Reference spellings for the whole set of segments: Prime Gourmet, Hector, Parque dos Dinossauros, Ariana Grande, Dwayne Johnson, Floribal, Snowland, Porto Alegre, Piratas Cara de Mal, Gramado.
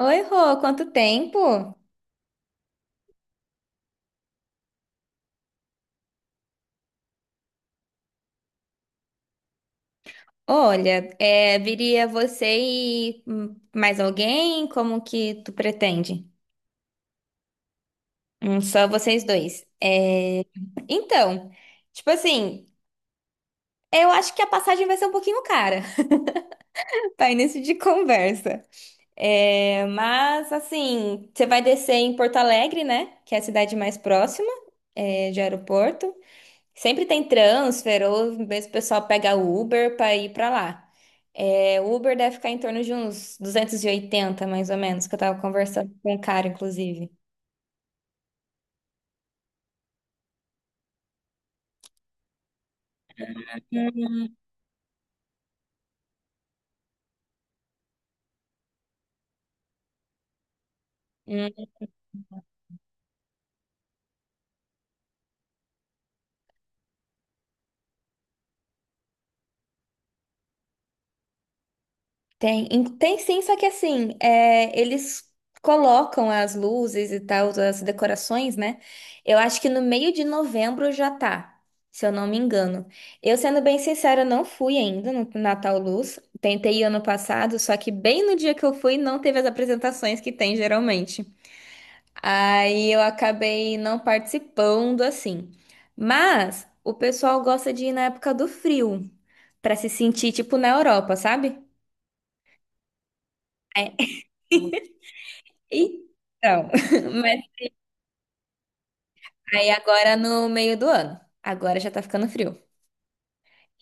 Oi, Rô, quanto tempo? Olha, é, viria você e mais alguém? Como que tu pretende? Só vocês dois. É, então, tipo assim, eu acho que a passagem vai ser um pouquinho cara para início de conversa. É, mas, assim, você vai descer em Porto Alegre, né? Que é a cidade mais próxima, é, de aeroporto. Sempre tem transfer, ou mesmo o pessoal pega Uber para ir para lá. É, o Uber deve ficar em torno de uns 280 mais ou menos, que eu tava conversando com o cara, inclusive. Uhum. Tem sim, só que assim, é, eles colocam as luzes e tal, as decorações, né? Eu acho que no meio de novembro já tá, se eu não me engano. Eu, sendo bem sincera, não fui ainda no Natal Luz. Tentei ano passado, só que bem no dia que eu fui não teve as apresentações que tem geralmente. Aí eu acabei não participando assim. Mas o pessoal gosta de ir na época do frio, pra se sentir tipo na Europa, sabe? É. Então, mas aí agora no meio do ano. Agora já tá ficando frio.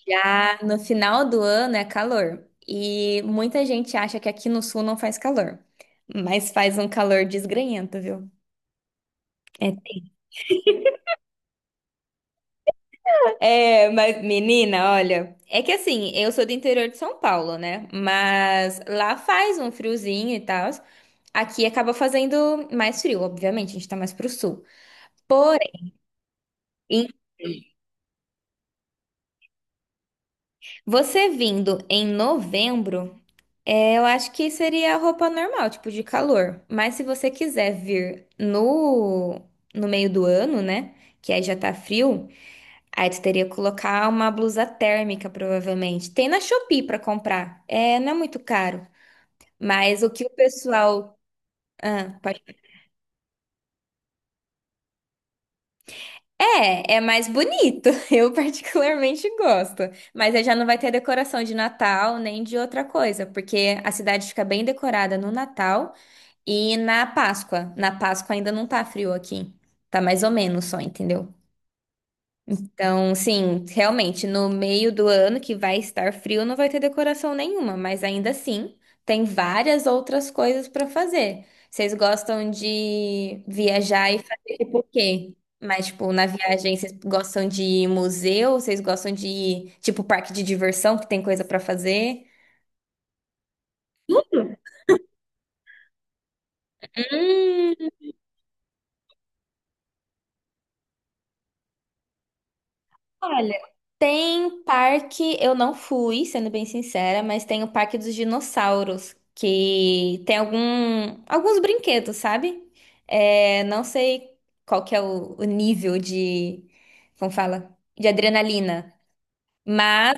Já no final do ano é calor. E muita gente acha que aqui no sul não faz calor. Mas faz um calor desgrenhento, viu? Mas menina, olha. É que assim, eu sou do interior de São Paulo, né? Mas lá faz um friozinho e tal. Aqui acaba fazendo mais frio, obviamente, a gente tá mais pro sul. Porém, você vindo em novembro. É, eu acho que seria a roupa normal, tipo de calor. Mas se você quiser vir no meio do ano, né? Que aí já tá frio, aí tu teria que colocar uma blusa térmica, provavelmente. Tem na Shopee pra comprar. É, não é muito caro. Mas o que o pessoal. Ah, pode... É mais bonito. Eu particularmente gosto. Mas aí já não vai ter decoração de Natal nem de outra coisa, porque a cidade fica bem decorada no Natal. E na Páscoa. Na Páscoa ainda não tá frio aqui. Tá mais ou menos só, entendeu? Então, sim, realmente, no meio do ano que vai estar frio, não vai ter decoração nenhuma, mas ainda assim, tem várias outras coisas para fazer. Vocês gostam de viajar e fazer tipo o quê? Mas, tipo, na viagem, vocês gostam de ir em museu? Vocês gostam de ir, tipo, parque de diversão, que tem coisa para fazer? Hum. Olha, tem parque, eu não fui, sendo bem sincera, mas tem o Parque dos Dinossauros, que tem alguns brinquedos, sabe? É, não sei qual que é o nível de, como fala? De adrenalina. Mas,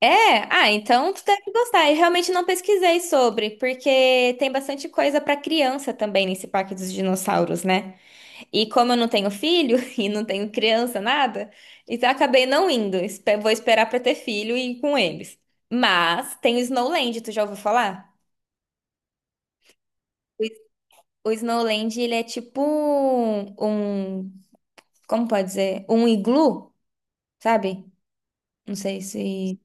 é, ah, então tu deve gostar. Eu realmente não pesquisei sobre, porque tem bastante coisa pra criança também nesse Parque dos Dinossauros, né? E como eu não tenho filho e não tenho criança, nada, então eu acabei não indo. Vou esperar pra ter filho e ir com eles. Mas tem o Snowland, tu já ouviu falar? O Snowland, ele é tipo um, como pode dizer? Um iglu, sabe? Não sei se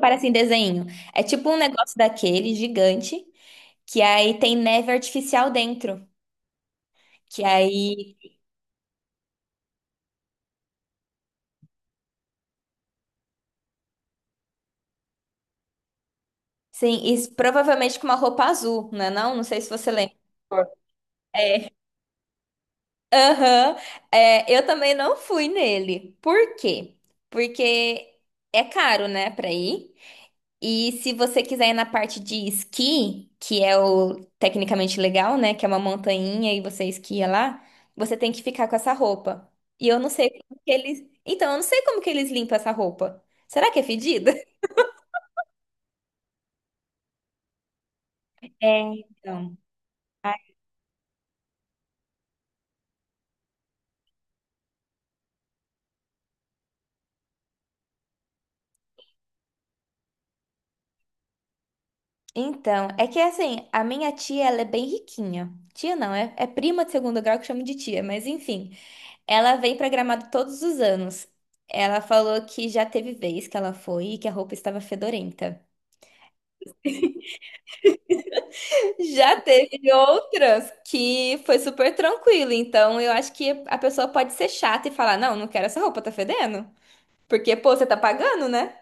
parece em desenho. É tipo um negócio daquele gigante que aí tem neve artificial dentro, que aí sim, e provavelmente com uma roupa azul, né? Não, não sei se você lembra. Aham. É, eu também não fui nele. Por quê? Porque é caro, né, pra ir. E se você quiser ir na parte de esqui, que é o tecnicamente legal, né, que é uma montanha e você esquia lá, você tem que ficar com essa roupa. E eu não sei como que eles. Então, eu não sei como que eles limpam essa roupa. Será que é fedida? É, então. Então, é que assim, a minha tia, ela é bem riquinha. Tia não, é prima de segundo grau que chama de tia, mas enfim. Ela vem pra Gramado todos os anos. Ela falou que já teve vez que ela foi e que a roupa estava fedorenta. Já teve outras que foi super tranquilo. Então, eu acho que a pessoa pode ser chata e falar: Não, não quero essa roupa, tá fedendo. Porque, pô, você tá pagando, né?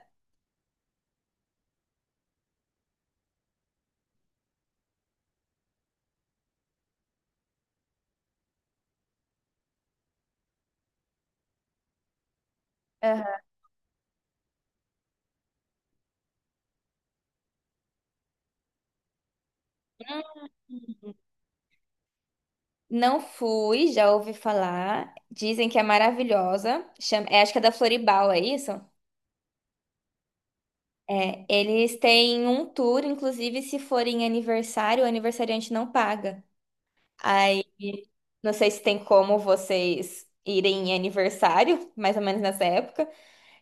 Aham. Não fui, já ouvi falar. Dizem que é maravilhosa. Chama, é, acho que é da Floribal, é isso? É, eles têm um tour, inclusive se for em aniversário, o aniversariante não paga. Aí, não sei se tem como vocês irem em aniversário, mais ou menos nessa época,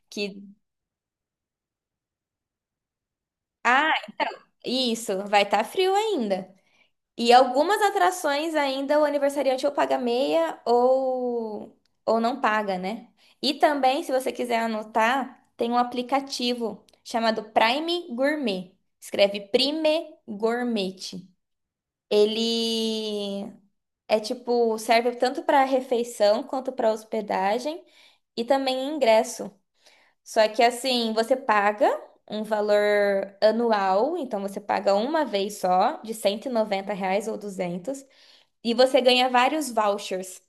que, ah, isso, vai estar frio ainda. E algumas atrações ainda o aniversariante ou paga meia ou não paga, né? E também, se você quiser anotar, tem um aplicativo chamado Prime Gourmet. Escreve Prime Gourmet. Ele é tipo, serve tanto para refeição quanto para hospedagem. E também ingresso. Só que assim, você paga um valor anual, então você paga uma vez só, de R$ 190 ou 200 e você ganha vários vouchers.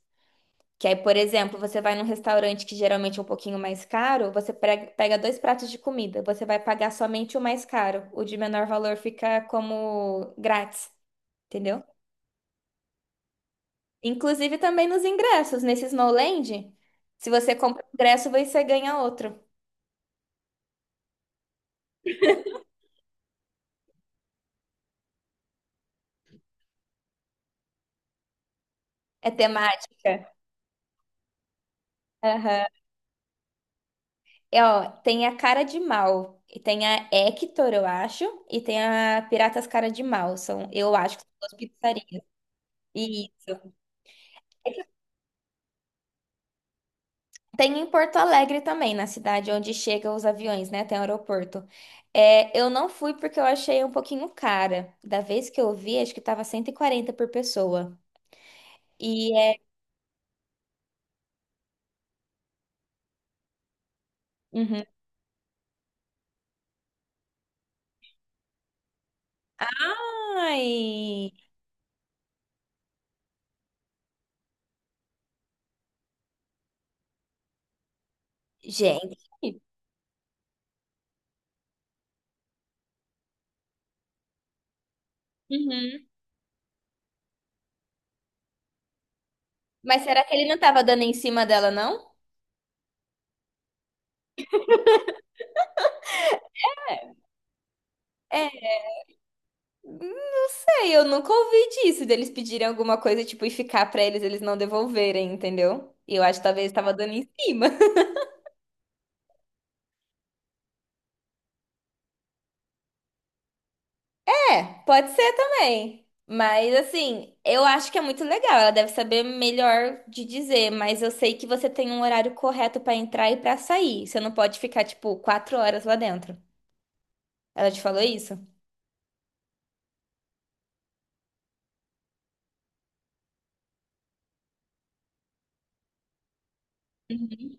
Que aí, por exemplo, você vai num restaurante que geralmente é um pouquinho mais caro, você pega dois pratos de comida, você vai pagar somente o mais caro, o de menor valor fica como grátis, entendeu? Inclusive também nos ingressos, nesse Snowland, se você compra um ingresso, você ganha outro. É temática. É, ó, tem a Cara de Mal, e tem a Hector, eu acho, e tem a Piratas Cara de Mal. São, eu acho que são duas pizzarias. E tem em Porto Alegre também, na cidade onde chegam os aviões, né? Tem um aeroporto. É, eu não fui porque eu achei um pouquinho cara. Da vez que eu vi, acho que tava 140 por pessoa. E é. Uhum. Ai! Gente. Uhum. Mas será que ele não tava dando em cima dela, não? Não sei, eu nunca ouvi disso, deles pedirem alguma coisa, tipo, e ficar pra eles, eles não devolverem, entendeu? E eu acho que talvez tava dando em cima. É, pode ser também. Mas assim, eu acho que é muito legal. Ela deve saber melhor de dizer, mas eu sei que você tem um horário correto pra entrar e pra sair. Você não pode ficar, tipo, 4 horas lá dentro. Ela te falou isso? Uhum.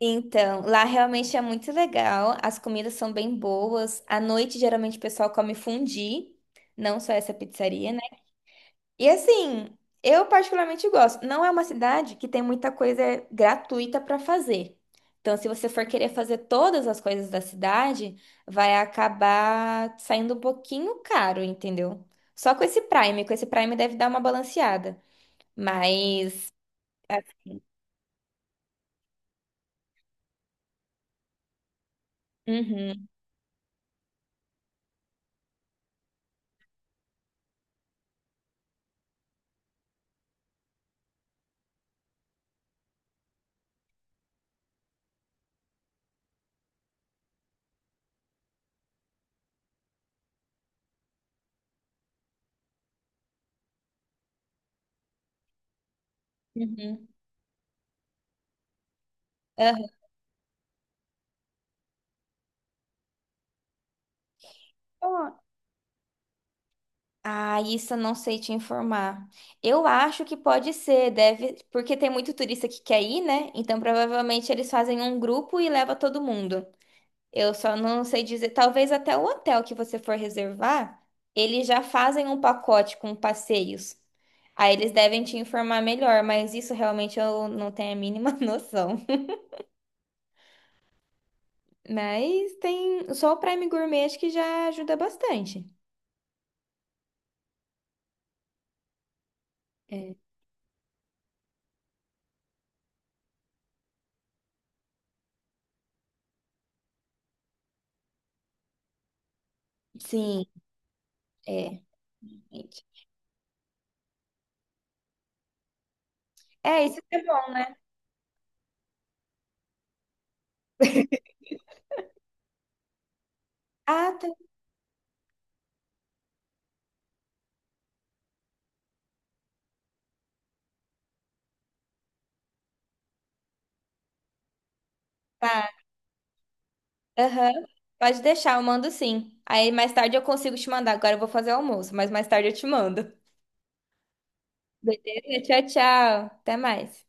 Então, lá realmente é muito legal. As comidas são bem boas. À noite, geralmente, o pessoal come fondue, não só essa pizzaria. E assim, eu particularmente gosto. Não é uma cidade que tem muita coisa gratuita para fazer. Então, se você for querer fazer todas as coisas da cidade, vai acabar saindo um pouquinho caro, entendeu? Só com esse Prime, deve dar uma balanceada. Mas. Assim, Uhum, uhum. Aham. Ah, isso eu não sei te informar. Eu acho que pode ser, deve, porque tem muito turista que quer ir, né? Então provavelmente eles fazem um grupo e leva todo mundo. Eu só não sei dizer, talvez até o hotel que você for reservar, eles já fazem um pacote com passeios. Aí eles devem te informar melhor, mas isso realmente eu não tenho a mínima noção. Mas tem só o Prime Gourmet acho que já ajuda bastante. É. Sim, é. É, isso que é bom, né? Ah, tá. Tá. Aham. Pode deixar, eu mando sim. Aí mais tarde eu consigo te mandar. Agora eu vou fazer o almoço, mas mais tarde eu te mando. Beleza? Tchau, tchau. Até mais.